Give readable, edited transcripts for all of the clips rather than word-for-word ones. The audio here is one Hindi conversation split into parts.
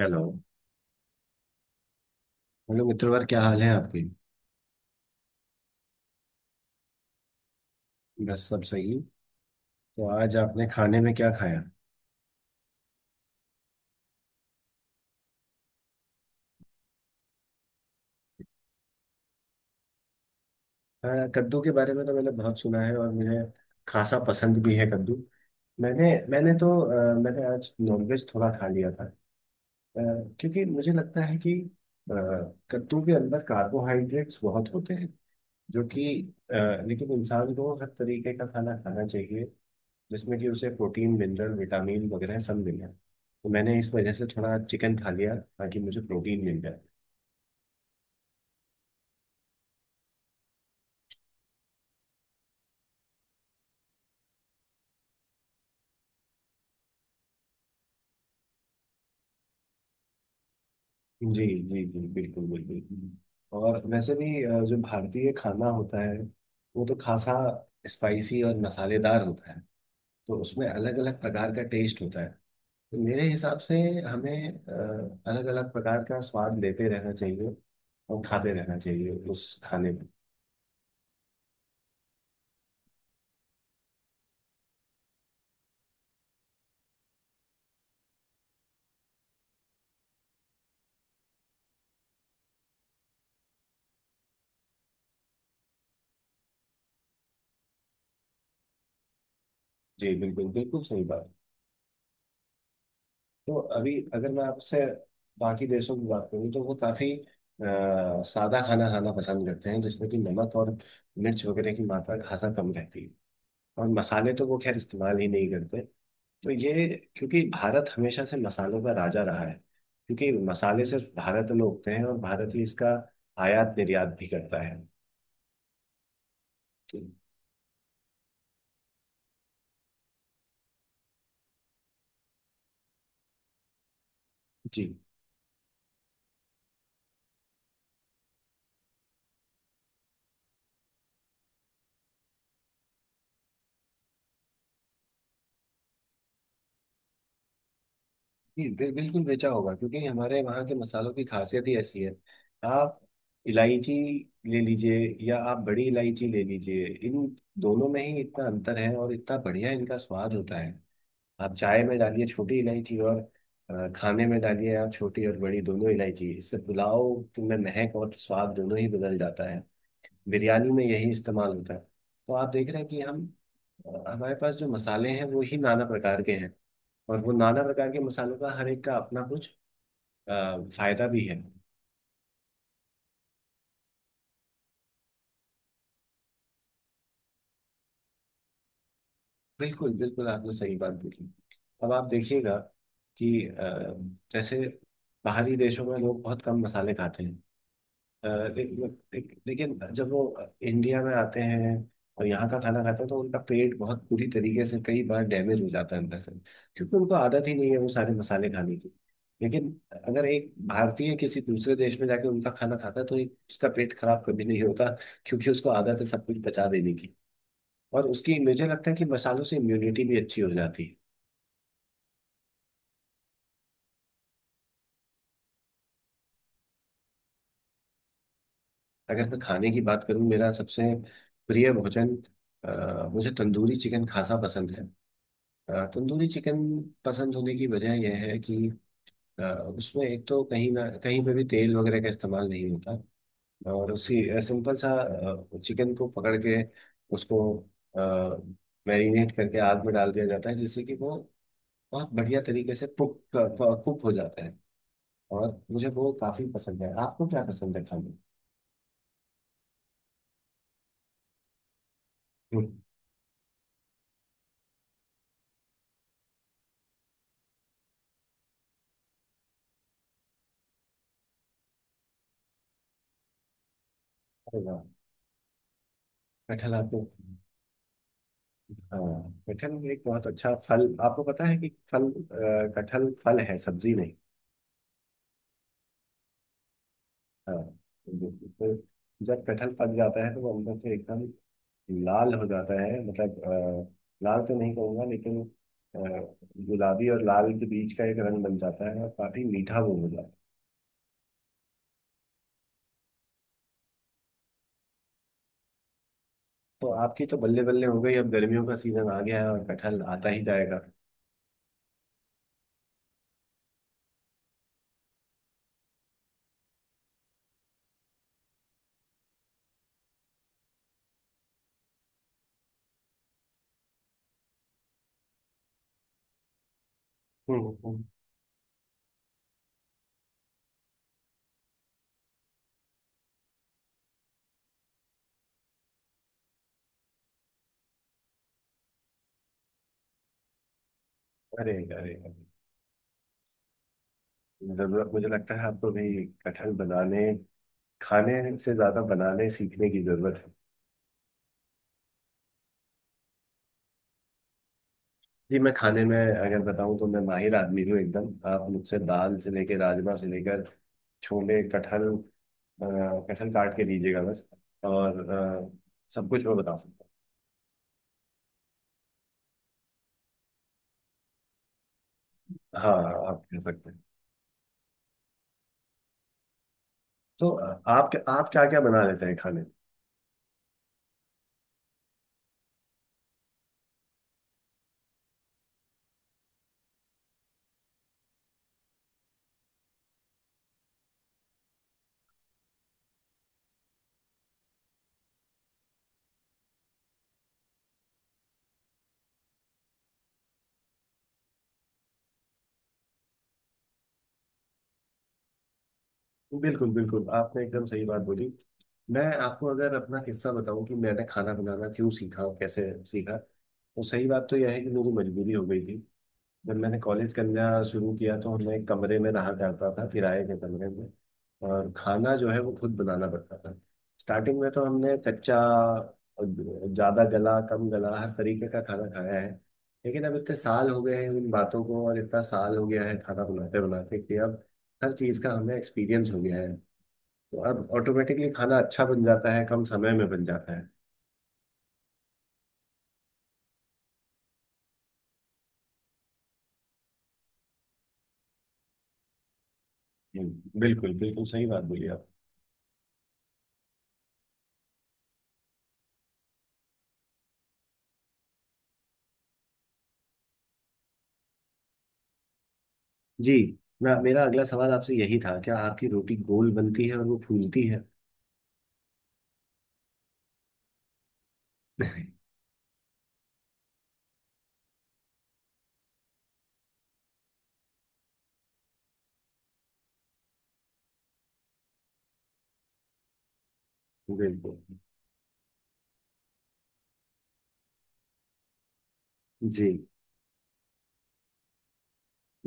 हेलो। हेलो मित्रवर, क्या हाल है आपके? बस सब सही। तो आज आपने खाने में क्या खाया? हाँ, कद्दू के बारे में तो मैंने बहुत सुना है और मुझे खासा पसंद भी है कद्दू। मैंने मैंने तो मैंने आज नॉनवेज थोड़ा खा लिया था। अ, क्योंकि मुझे लगता है कि अ, कद्दू के अंदर कार्बोहाइड्रेट्स बहुत होते हैं जो कि अ, लेकिन इंसान को हर तरीके का खाना खाना चाहिए, जिसमें कि उसे प्रोटीन, मिनरल, विटामिन वगैरह सब मिल रहा है। तो मैंने इस वजह से थोड़ा चिकन खा लिया ताकि मुझे प्रोटीन मिल जाए। जी जी जी, बिल्कुल बिल्कुल। और वैसे भी जो भारतीय खाना होता है वो तो खासा स्पाइसी और मसालेदार होता है। तो उसमें अलग अलग प्रकार का टेस्ट होता है। तो मेरे हिसाब से हमें अलग अलग प्रकार का स्वाद लेते रहना चाहिए और खाते रहना चाहिए उस खाने में। जी बिल्कुल, बिल्कुल सही बात। तो अभी अगर मैं आपसे बाकी देशों की बात करूँ तो वो काफी सादा खाना खाना पसंद करते हैं, जिसमें कि नमक और मिर्च वगैरह की मात्रा खासा कम रहती है। और मसाले तो वो खैर इस्तेमाल ही नहीं करते। तो ये क्योंकि भारत हमेशा से मसालों का राजा रहा है, क्योंकि मसाले सिर्फ भारत में उगते हैं और भारत ही इसका आयात निर्यात भी करता है। तो- जी। बिल्कुल बेचा होगा, क्योंकि हमारे वहाँ के मसालों की खासियत ही ऐसी है। आप इलायची ले लीजिए या आप बड़ी इलायची ले लीजिए, इन दोनों में ही इतना अंतर है और इतना बढ़िया इनका स्वाद होता है। आप चाय में डालिए छोटी इलायची, और खाने में डालिए आप छोटी और बड़ी दोनों इलायची, इससे पुलाव में महक और स्वाद दोनों ही बदल जाता है। बिरयानी में यही इस्तेमाल होता है। तो आप देख रहे हैं कि हम हमारे पास जो मसाले हैं वो ही नाना प्रकार के हैं। और वो नाना प्रकार के मसालों का हर एक का अपना कुछ अ, फायदा भी है। बिल्कुल बिल्कुल, आपने सही बात बोली। अब आप देखिएगा कि जैसे बाहरी देशों में लोग बहुत कम मसाले खाते हैं। अ, ले- ले- लेकिन जब वो इंडिया में आते हैं और यहाँ का खाना खाते हैं तो उनका पेट बहुत बुरी तरीके से कई बार डैमेज हो जाता है अंदर से, क्योंकि उनको आदत ही नहीं है वो सारे मसाले खाने की। लेकिन अगर एक भारतीय किसी दूसरे देश में जाके उनका खाना खाता है तो एक उसका पेट खराब कभी नहीं होता, क्योंकि उसको आदत है सब कुछ पचा देने की। और उसकी, मुझे लगता है कि मसालों से इम्यूनिटी भी अच्छी हो जाती है। अगर मैं खाने की बात करूँ, मेरा सबसे प्रिय भोजन, मुझे तंदूरी चिकन खासा पसंद है। तंदूरी चिकन पसंद होने की वजह यह है कि अ, उसमें एक तो कहीं ना कहीं पे भी तेल वगैरह का इस्तेमाल नहीं होता। और उसी सिंपल सा चिकन को पकड़ के उसको मैरिनेट करके आग में डाल दिया जाता है, जिससे कि वो बहुत बढ़िया तरीके से कुक कुक हो जाता है। और मुझे वो काफी पसंद है। आपको क्या पसंद है खाने में? हम्म। अरे वाह, कटहल आपको? हाँ कटहल में एक बहुत अच्छा फल, आपको पता है कि फल, कटहल फल है सब्जी नहीं। हाँ। तो जब कटहल पक जाता है तो वो अंदर से एकदम लाल हो जाता है, मतलब लाल तो नहीं कहूँगा लेकिन अ, गुलाबी और लाल के बीच का एक रंग बन जाता है और काफी मीठा वो हो जाता है। तो आपकी तो बल्ले बल्ले हो गई, अब गर्मियों का सीजन आ गया है और कटहल आता ही जाएगा। हम्म हम्म। अरे अरे अरे, जरूरत, मुझे लगता है आपको भी कटहल बनाने, खाने से ज़्यादा बनाने सीखने की ज़रूरत है। जी मैं खाने में अगर बताऊं तो मैं माहिर आदमी हूँ एकदम। आप मुझसे दाल से लेकर, राजमा से लेकर, छोले, कटहल, कटहल काट के दीजिएगा बस, और सब कुछ मैं बता सकता हूँ। हाँ, आप कह सकते हैं। तो आप क्या क्या बना लेते हैं खाने में? बिल्कुल बिल्कुल, आपने एकदम सही बात बोली। मैं आपको अगर अपना किस्सा बताऊं कि मैंने खाना बनाना क्यों सीखा और कैसे सीखा, तो सही बात तो यह है कि मेरी मजबूरी हो गई थी। जब मैंने कॉलेज करना शुरू किया तो मैं एक कमरे में रहा करता था, किराए के कमरे में। और खाना जो है वो खुद बनाना पड़ता था। स्टार्टिंग में तो हमने कच्चा, ज़्यादा गला, कम गला, हर तरीके का खाना खाया है। लेकिन अब इतने साल हो गए हैं उन बातों को, और इतना साल हो गया है खाना बनाते बनाते, कि अब हर चीज़ का हमें एक्सपीरियंस हो गया है। तो अब ऑटोमेटिकली खाना अच्छा बन जाता है, कम समय में बन जाता है। बिल्कुल बिल्कुल सही बात बोली आप। जी ना, मेरा अगला सवाल आपसे यही था, क्या आपकी रोटी गोल बनती है और वो फूलती है? बिल्कुल। जी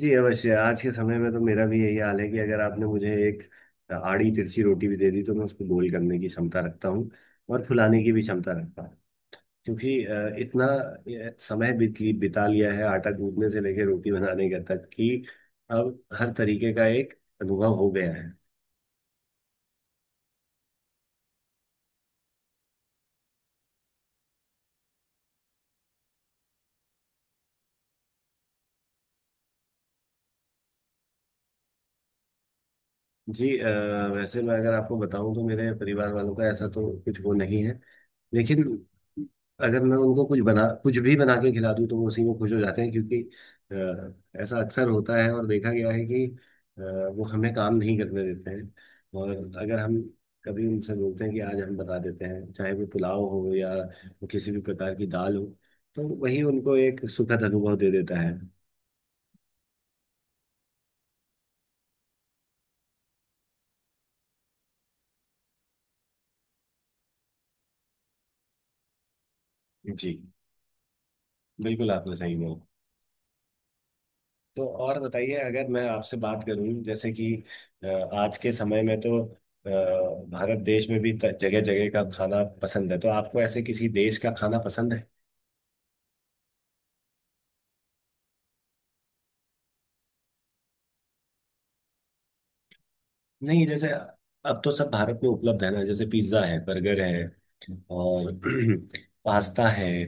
जी अवश्य, आज के समय में तो मेरा भी यही हाल है कि अगर आपने मुझे एक आड़ी तिरछी रोटी भी दे दी तो मैं उसको गोल करने की क्षमता रखता हूँ और फुलाने की भी क्षमता रखता हूँ। क्योंकि इतना बिता लिया है आटा गूंदने से लेकर रोटी बनाने का तक कि अब हर तरीके का एक अनुभव हो गया है। जी वैसे मैं अगर आपको बताऊं तो मेरे परिवार वालों का ऐसा तो कुछ वो नहीं है। लेकिन अगर मैं उनको कुछ बना, कुछ भी बना के खिला दूं तो वो उसी में खुश हो जाते हैं, क्योंकि ऐसा अक्सर होता है और देखा गया है कि वो हमें काम नहीं करने देते हैं। और अगर हम कभी उनसे बोलते हैं कि आज हम बना देते हैं, चाहे वो पुलाव हो या वो किसी भी प्रकार की दाल हो, तो वही उनको एक सुखद अनुभव दे देता है। जी बिल्कुल, आपने सही बोला। तो और बताइए, अगर मैं आपसे बात करूं जैसे कि अ, आज के समय में तो अ, भारत देश में भी जगह जगह का खाना पसंद है, तो आपको ऐसे किसी देश का खाना पसंद है? नहीं, जैसे अब तो सब भारत में उपलब्ध है ना, जैसे पिज्ज़ा है, बर्गर है, और पास्ता है। ये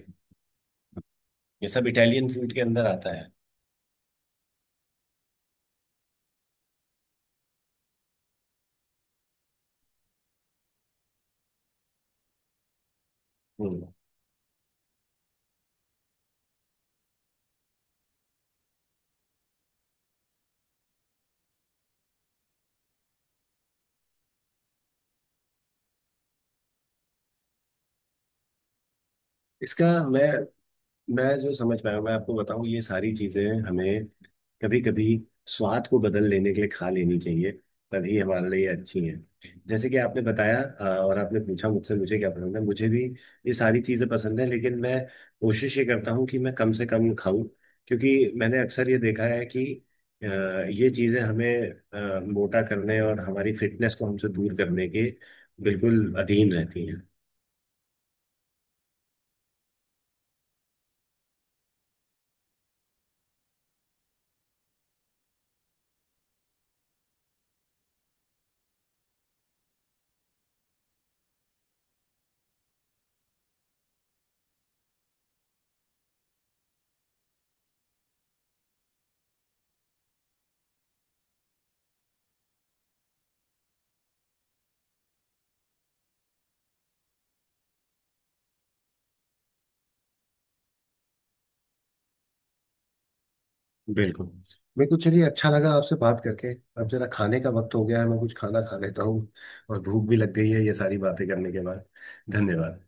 सब इटालियन फूड के अंदर आता है। हम्म। इसका, मैं जो समझ पाया हूँ, मैं आपको बताऊं, ये सारी चीजें हमें कभी कभी स्वाद को बदल लेने के लिए खा लेनी चाहिए, तभी हमारे लिए अच्छी है। जैसे कि आपने बताया और आपने पूछा मुझसे मुझे क्या पसंद है, मुझे भी ये सारी चीजें पसंद है। लेकिन मैं कोशिश ये करता हूँ कि मैं कम से कम खाऊं, क्योंकि मैंने अक्सर ये देखा है कि अ, ये चीजें हमें मोटा करने और हमारी फिटनेस को हमसे दूर करने के बिल्कुल अधीन रहती हैं। बिल्कुल। मेरे को चलिए अच्छा लगा आपसे बात करके। अब जरा खाने का वक्त हो गया है, मैं कुछ खाना खा लेता हूँ। और भूख भी लग गई है ये सारी बातें करने के बाद। धन्यवाद।